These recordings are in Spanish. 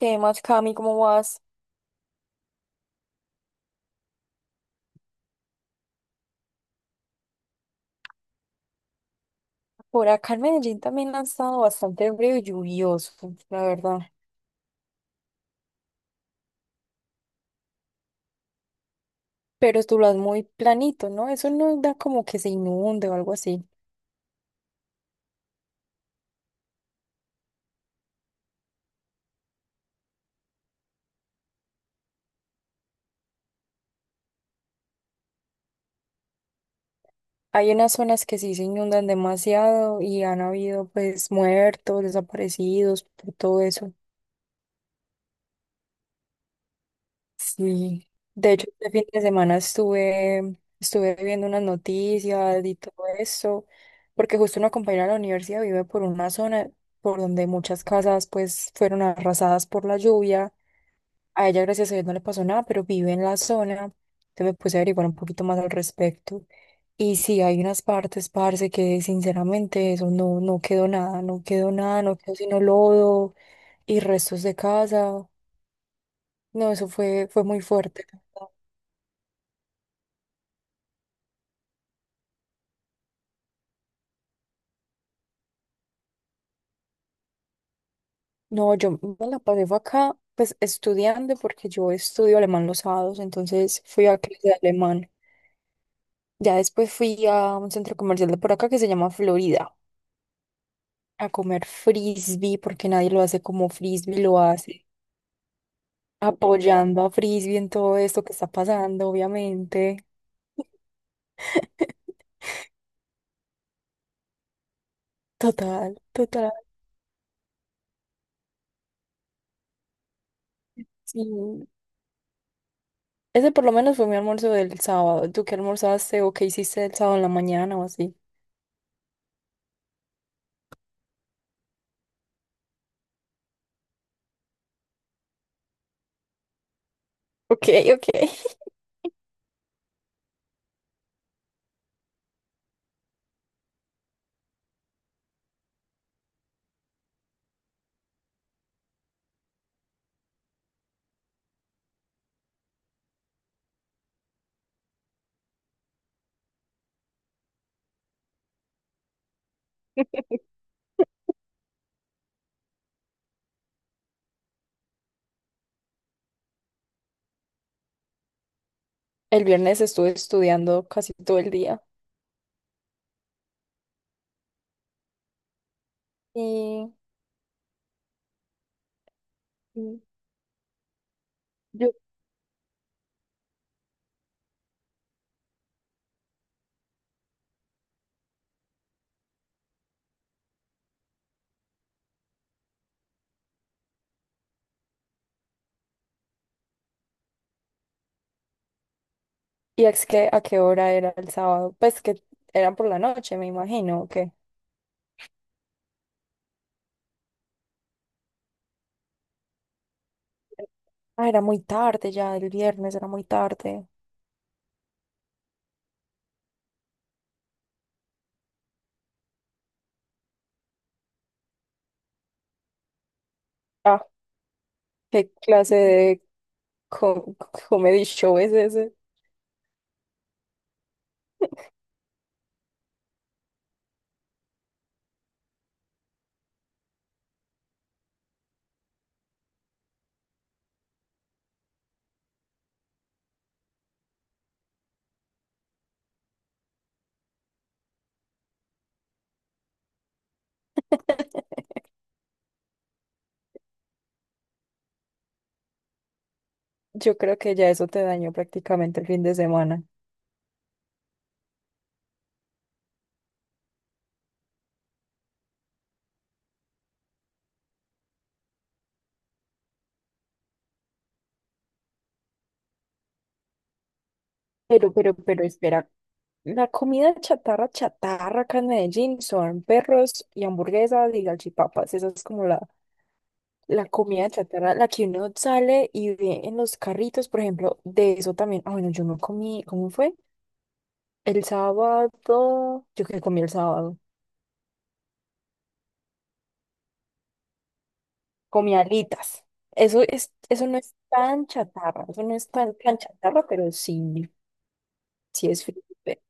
¿Qué más, Cami? ¿Cómo vas? Por acá en Medellín también ha estado bastante frío y lluvioso, la verdad. Pero tú lo has muy planito, ¿no? Eso no da como que se inunde o algo así. Hay unas zonas que sí se inundan demasiado y han habido pues muertos, desaparecidos, por todo eso. Sí. De hecho, este fin de semana estuve viendo unas noticias y todo eso, porque justo una compañera de la universidad vive por una zona por donde muchas casas pues fueron arrasadas por la lluvia. A ella, gracias a Dios, no le pasó nada, pero vive en la zona. Entonces me puse a averiguar un poquito más al respecto. Y sí, hay unas partes, parce, que sinceramente eso no quedó nada, no quedó nada, no quedó sino lodo y restos de casa. No, eso fue muy fuerte. No, yo me la pasé fue acá, pues estudiando, porque yo estudio alemán los sábados, entonces fui a clase de alemán. Ya después fui a un centro comercial de por acá que se llama Florida, a comer frisbee, porque nadie lo hace como frisbee lo hace, apoyando a frisbee en todo esto que está pasando, obviamente. Total, total. Sí. Ese por lo menos fue mi almuerzo del sábado. ¿Tú qué almorzaste o qué hiciste el sábado en la mañana o así? Ok, ok. El viernes estuve estudiando casi todo el día. Y Mm. yo, y es que a qué hora era el sábado, pues que era por la noche, me imagino, ¿o qué? Ah, era muy tarde ya, el viernes era muy tarde. Ah, ¿qué clase de co- comedy show es ese? Yo creo que ya eso te dañó prácticamente el fin de semana. Pero espera, la comida chatarra acá en Medellín son perros y hamburguesas y galchipapas. Esa es como la. La comida chatarra, la que uno sale y ve en los carritos, por ejemplo, de eso también. Ah, bueno, yo no comí, ¿cómo fue? El sábado, yo que comí el sábado, comí alitas. Eso es, eso no es tan chatarra, eso no es tan chatarra, pero sí. Sí, es Felipe.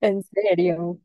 ¿En serio?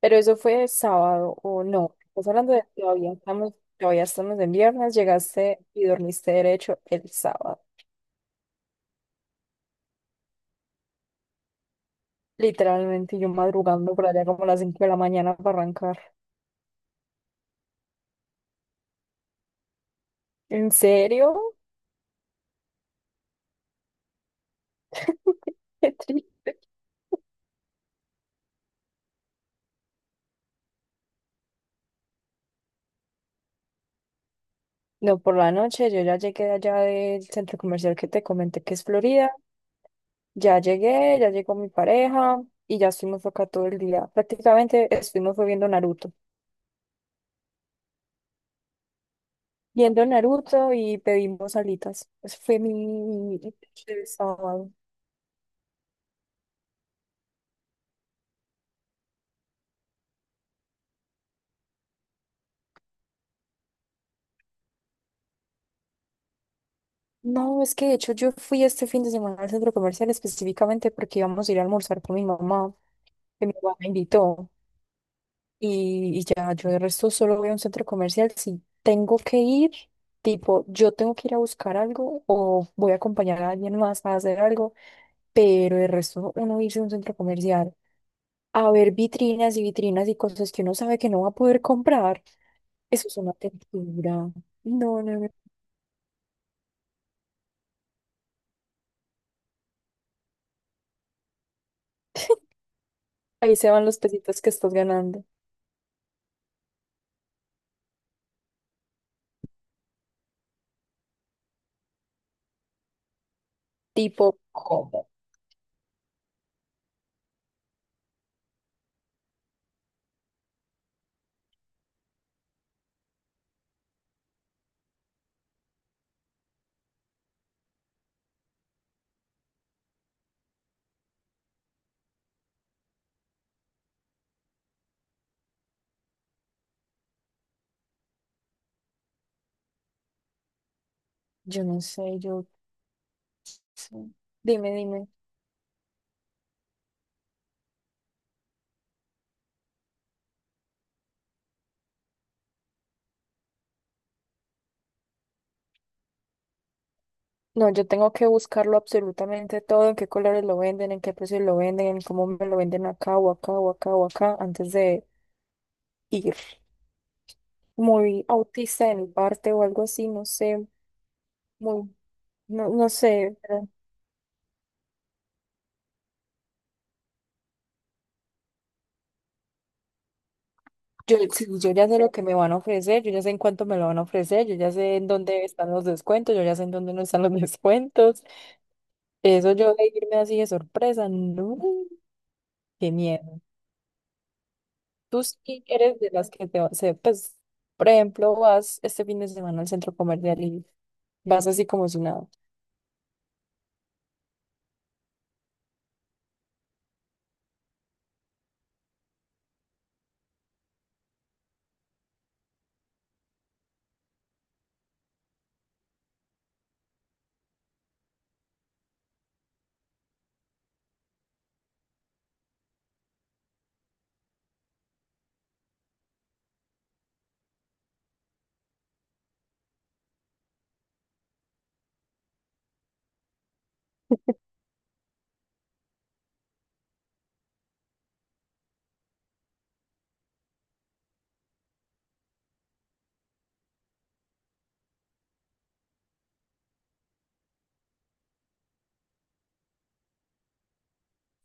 Pero eso fue sábado o no. Estás hablando de todavía estamos en viernes, llegaste y dormiste derecho el sábado. Literalmente yo madrugando por allá como a las 5 de la mañana para arrancar. ¿En serio? Qué triste. No, por la noche yo ya llegué de allá del centro comercial que te comenté que es Florida. Ya llegué, ya llegó mi pareja y ya estuvimos acá todo el día. Prácticamente estuvimos fue viendo Naruto. Viendo Naruto y pedimos alitas. Eso fue mi el sábado. No, es que de hecho yo fui este fin de semana al centro comercial específicamente porque íbamos a ir a almorzar con mi mamá, que mi mamá me invitó. Y ya, yo de resto solo voy a un centro comercial. Si tengo que ir, tipo, yo tengo que ir a buscar algo o voy a acompañar a alguien más a hacer algo, pero de resto uno irse a un centro comercial a ver vitrinas y vitrinas y cosas que uno sabe que no va a poder comprar, eso es una tortura. No, no, no. Ahí se van los pesitos que estás ganando. Tipo, ¿cómo? Yo no sé, yo... sí. Dime, dime. No, yo tengo que buscarlo absolutamente todo, en qué colores lo venden, en qué precios lo venden, en cómo me lo venden acá o acá o acá o acá, antes de ir. Muy autista en mi parte o algo así, no sé, muy, no, no sé, pero yo, sí, yo ya sé lo que me van a ofrecer, yo ya sé en cuánto me lo van a ofrecer, yo ya sé en dónde están los descuentos, yo ya sé en dónde no están los descuentos. Eso yo de irme así de sorpresa, no, qué miedo. Tú sí eres de las que se, pues, por ejemplo, vas este fin de semana al centro comercial y vas así como si nada.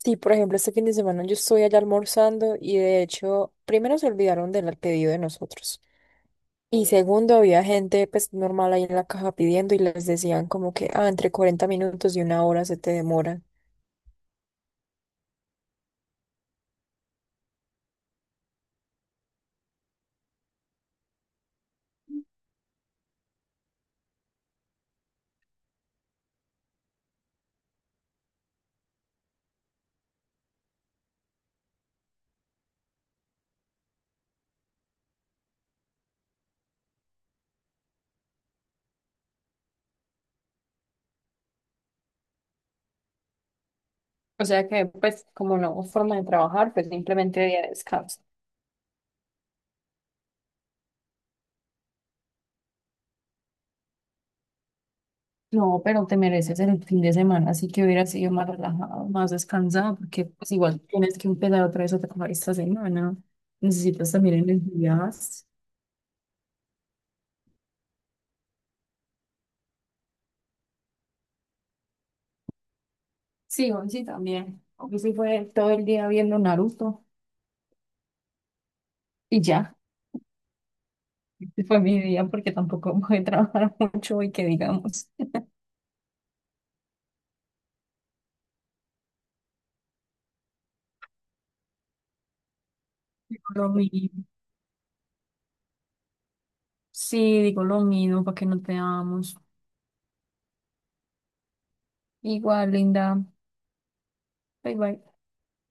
Sí, por ejemplo, este fin de semana yo estoy allá almorzando y de hecho, primero se olvidaron del pedido de nosotros. Y segundo, había gente pues normal ahí en la caja pidiendo y les decían como que, ah, entre 40 minutos y una hora se te demora. O sea que, pues, como no hubo forma de trabajar, pues simplemente día de descanso. No, pero te mereces el fin de semana, así que hubiera sido más relajado, más descansado, porque pues igual tienes que empezar otra vez a trabajar esta semana. Necesitas también energías. Sí, hoy sí también. Hoy sí fue todo el día viendo Naruto y ya. Este fue mi día porque tampoco voy a trabajar mucho y que digamos. Digo lo mismo. Sí, digo lo mismo para que no te amo. Igual, linda. Bye bye.